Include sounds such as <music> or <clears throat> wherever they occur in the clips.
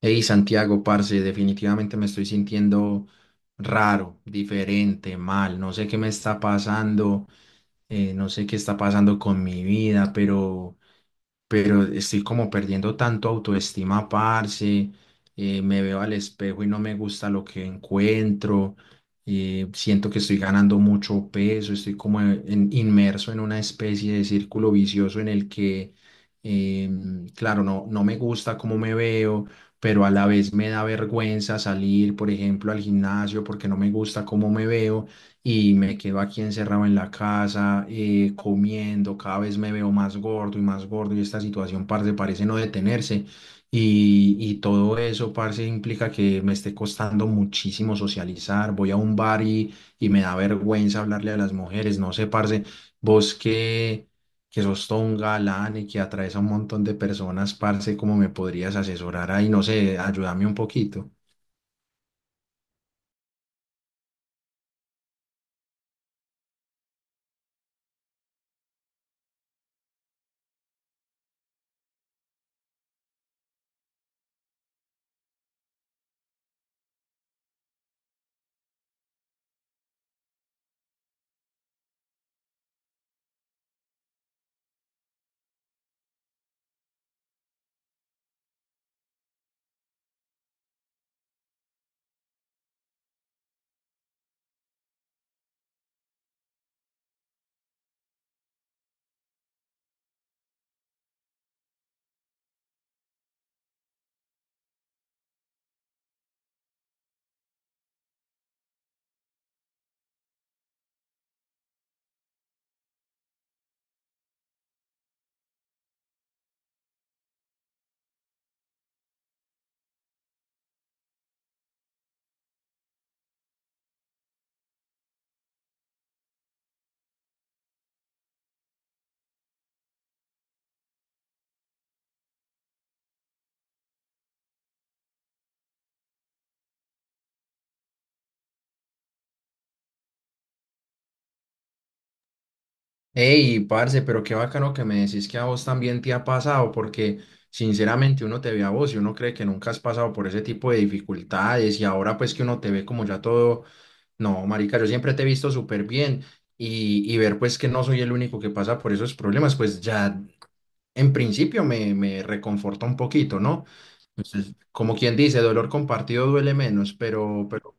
Hey Santiago, parce, definitivamente me estoy sintiendo raro, diferente, mal, no sé qué me está pasando, no sé qué está pasando con mi vida, pero estoy como perdiendo tanto autoestima, parce, me veo al espejo y no me gusta lo que encuentro, siento que estoy ganando mucho peso, estoy como inmerso en una especie de círculo vicioso en el que, claro, no, no me gusta cómo me veo, pero a la vez me da vergüenza salir, por ejemplo, al gimnasio porque no me gusta cómo me veo y me quedo aquí encerrado en la casa, comiendo, cada vez me veo más gordo y esta situación, parce, parece no detenerse. Y todo eso, parce, implica que me esté costando muchísimo socializar. Voy a un bar y me da vergüenza hablarle a las mujeres. No sé, parce, vos que, que sos todo un galán y que atraes a un montón de personas, parce, ¿cómo me podrías asesorar ahí? No sé, ayúdame un poquito. Ey, parce, pero qué bacano que me decís que a vos también te ha pasado, porque sinceramente uno te ve a vos y uno cree que nunca has pasado por ese tipo de dificultades y ahora pues que uno te ve como ya todo, no, marica, yo siempre te he visto súper bien y ver pues que no soy el único que pasa por esos problemas, pues ya en principio me reconforta un poquito, ¿no? Entonces, como quien dice, dolor compartido duele menos,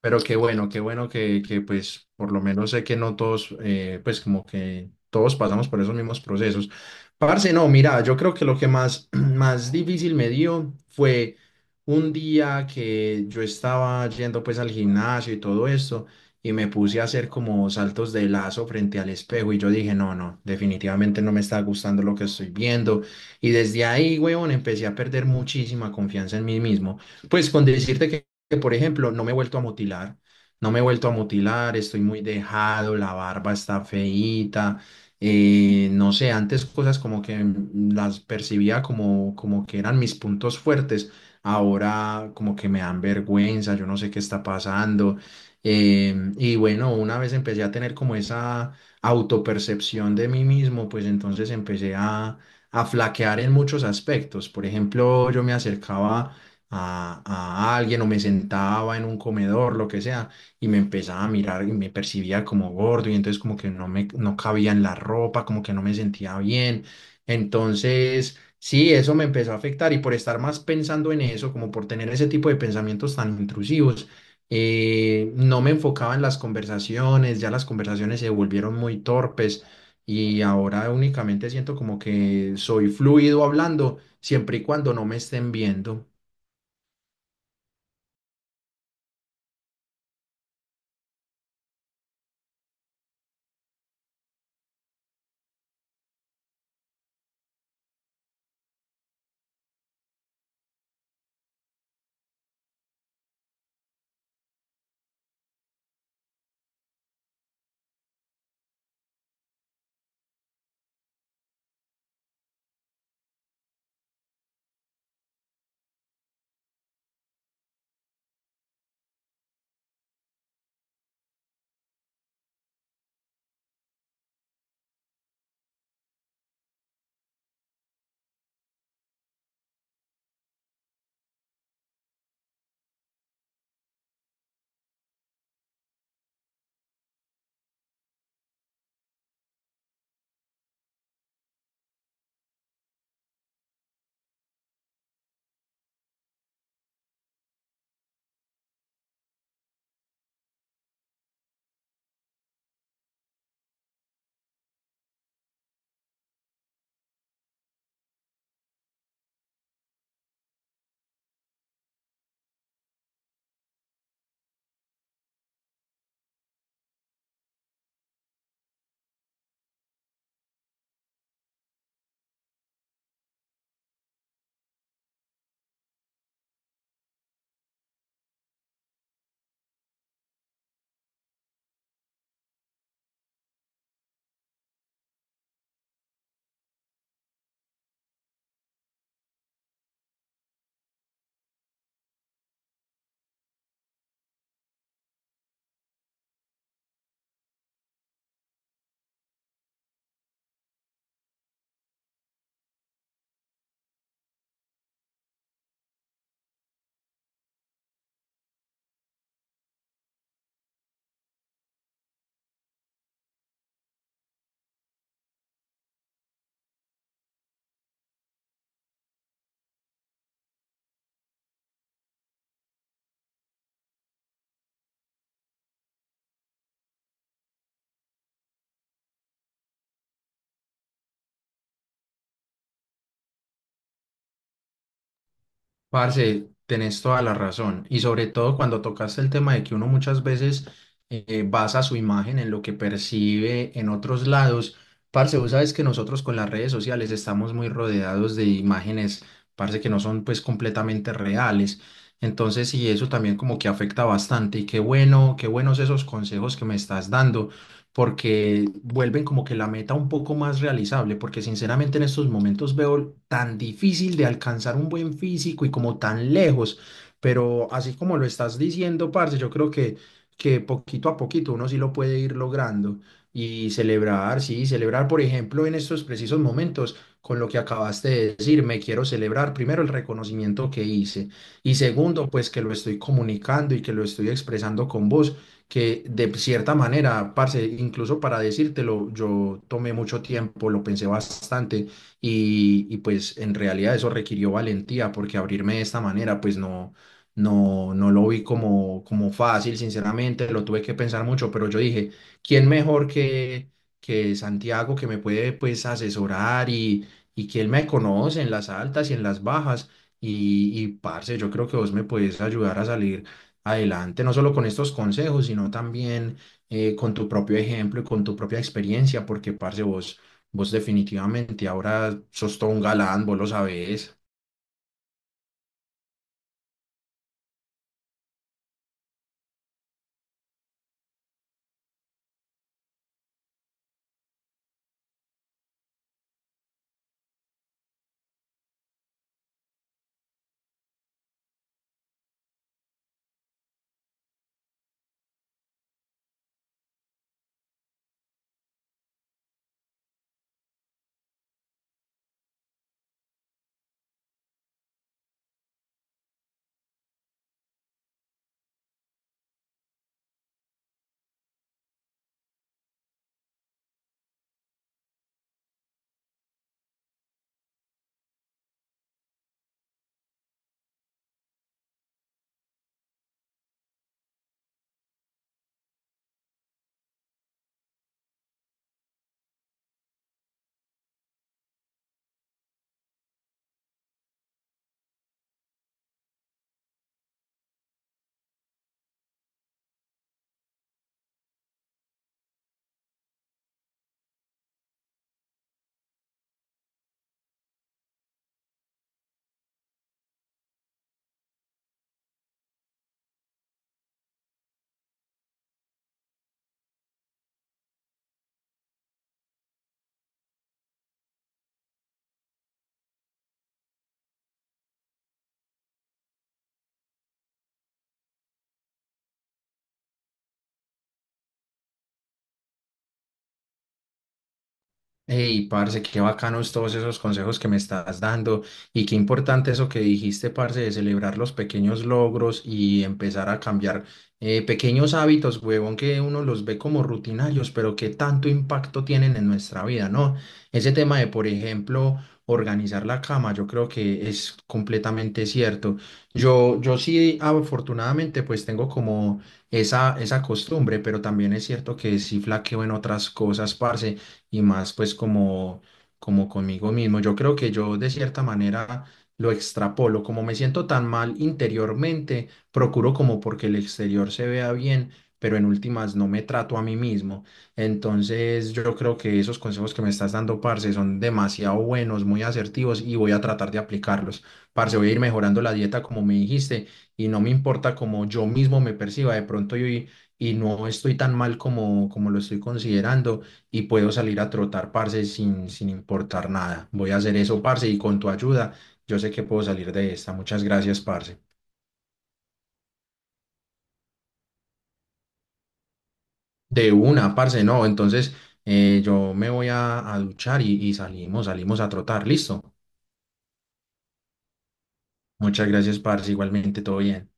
pero qué bueno que pues por lo menos sé que no todos, pues como que todos pasamos por esos mismos procesos. Parce, no, mira, yo creo que lo que más, <clears throat> más difícil me dio fue un día que yo estaba yendo pues al gimnasio y todo esto y me puse a hacer como saltos de lazo frente al espejo y yo dije, no, no, definitivamente no me está gustando lo que estoy viendo. Y desde ahí, weón, empecé a perder muchísima confianza en mí mismo. Pues con decirte que por ejemplo, no me he vuelto a mutilar, no me he vuelto a mutilar, estoy muy dejado, la barba está feíta, no sé, antes cosas como que las percibía como, como que eran mis puntos fuertes, ahora como que me dan vergüenza, yo no sé qué está pasando. Y bueno, una vez empecé a tener como esa autopercepción de mí mismo, pues entonces a flaquear en muchos aspectos. Por ejemplo, yo me acercaba a alguien o me sentaba en un comedor, lo que sea, y me empezaba a mirar y me percibía como gordo y entonces como que no cabía en la ropa, como que no me sentía bien. Entonces, sí, eso me empezó a afectar y por estar más pensando en eso, como por tener ese tipo de pensamientos tan intrusivos, no me enfocaba en las conversaciones, ya las conversaciones se volvieron muy torpes. Y ahora únicamente siento como que soy fluido hablando siempre y cuando no me estén viendo. Parce, tenés toda la razón. Y sobre todo cuando tocaste el tema de que uno muchas veces basa su imagen en lo que percibe en otros lados. Parce, vos sabes que nosotros con las redes sociales estamos muy rodeados de imágenes, parce, que no son pues completamente reales. Entonces, y eso también como que afecta bastante. Y qué bueno, qué buenos esos consejos que me estás dando porque vuelven como que la meta un poco más realizable, porque sinceramente en estos momentos veo tan difícil de alcanzar un buen físico y como tan lejos, pero así como lo estás diciendo, parce, que poquito a poquito uno sí lo puede ir logrando y celebrar, sí, celebrar, por ejemplo, en estos precisos momentos, con lo que acabaste de decir, me quiero celebrar primero el reconocimiento que hice y segundo, pues que lo estoy comunicando y que lo estoy expresando con vos que de cierta manera, parce, incluso para decírtelo, yo tomé mucho tiempo, lo pensé bastante y pues en realidad eso requirió valentía porque abrirme de esta manera pues no, no, no lo vi como, como fácil, sinceramente, lo tuve que pensar mucho, pero yo dije, ¿quién mejor que, ¿que Santiago que me puede pues asesorar y que él me conoce en las altas y en las bajas? Y parce, yo creo que vos me puedes ayudar a salir adelante, no solo con estos consejos, sino también con tu propio ejemplo y con tu propia experiencia, porque, parce, vos definitivamente ahora sos todo un galán, vos lo sabés. Hey, parce, qué bacanos todos esos consejos que me estás dando y qué importante eso que dijiste, parce, de celebrar los pequeños logros y empezar a cambiar pequeños hábitos, huevón, que uno los ve como rutinarios, pero que tanto impacto tienen en nuestra vida, ¿no? Ese tema de, por ejemplo, organizar la cama, yo creo que es completamente cierto. Yo sí, afortunadamente, pues tengo como esa costumbre, pero también es cierto que sí flaqueo en otras cosas, parce y más pues como, como conmigo mismo. Yo creo que yo de cierta manera lo extrapolo, como me siento tan mal interiormente, procuro como porque el exterior se vea bien, pero en últimas no me trato a mí mismo. Entonces yo creo que esos consejos que me estás dando, parce, son demasiado buenos, muy asertivos y voy a tratar de aplicarlos. Parce, voy a ir mejorando la dieta como me dijiste y no me importa como yo mismo me perciba, de pronto yo y no estoy tan mal como, como lo estoy considerando y puedo salir a trotar, parce, sin, sin importar nada. Voy a hacer eso, parce, y con tu ayuda, yo sé que puedo salir de esta. Muchas gracias, parce. De una, parce, no. Entonces, yo a duchar y salimos, salimos a trotar. Listo. Muchas gracias, parce. Igualmente, todo bien.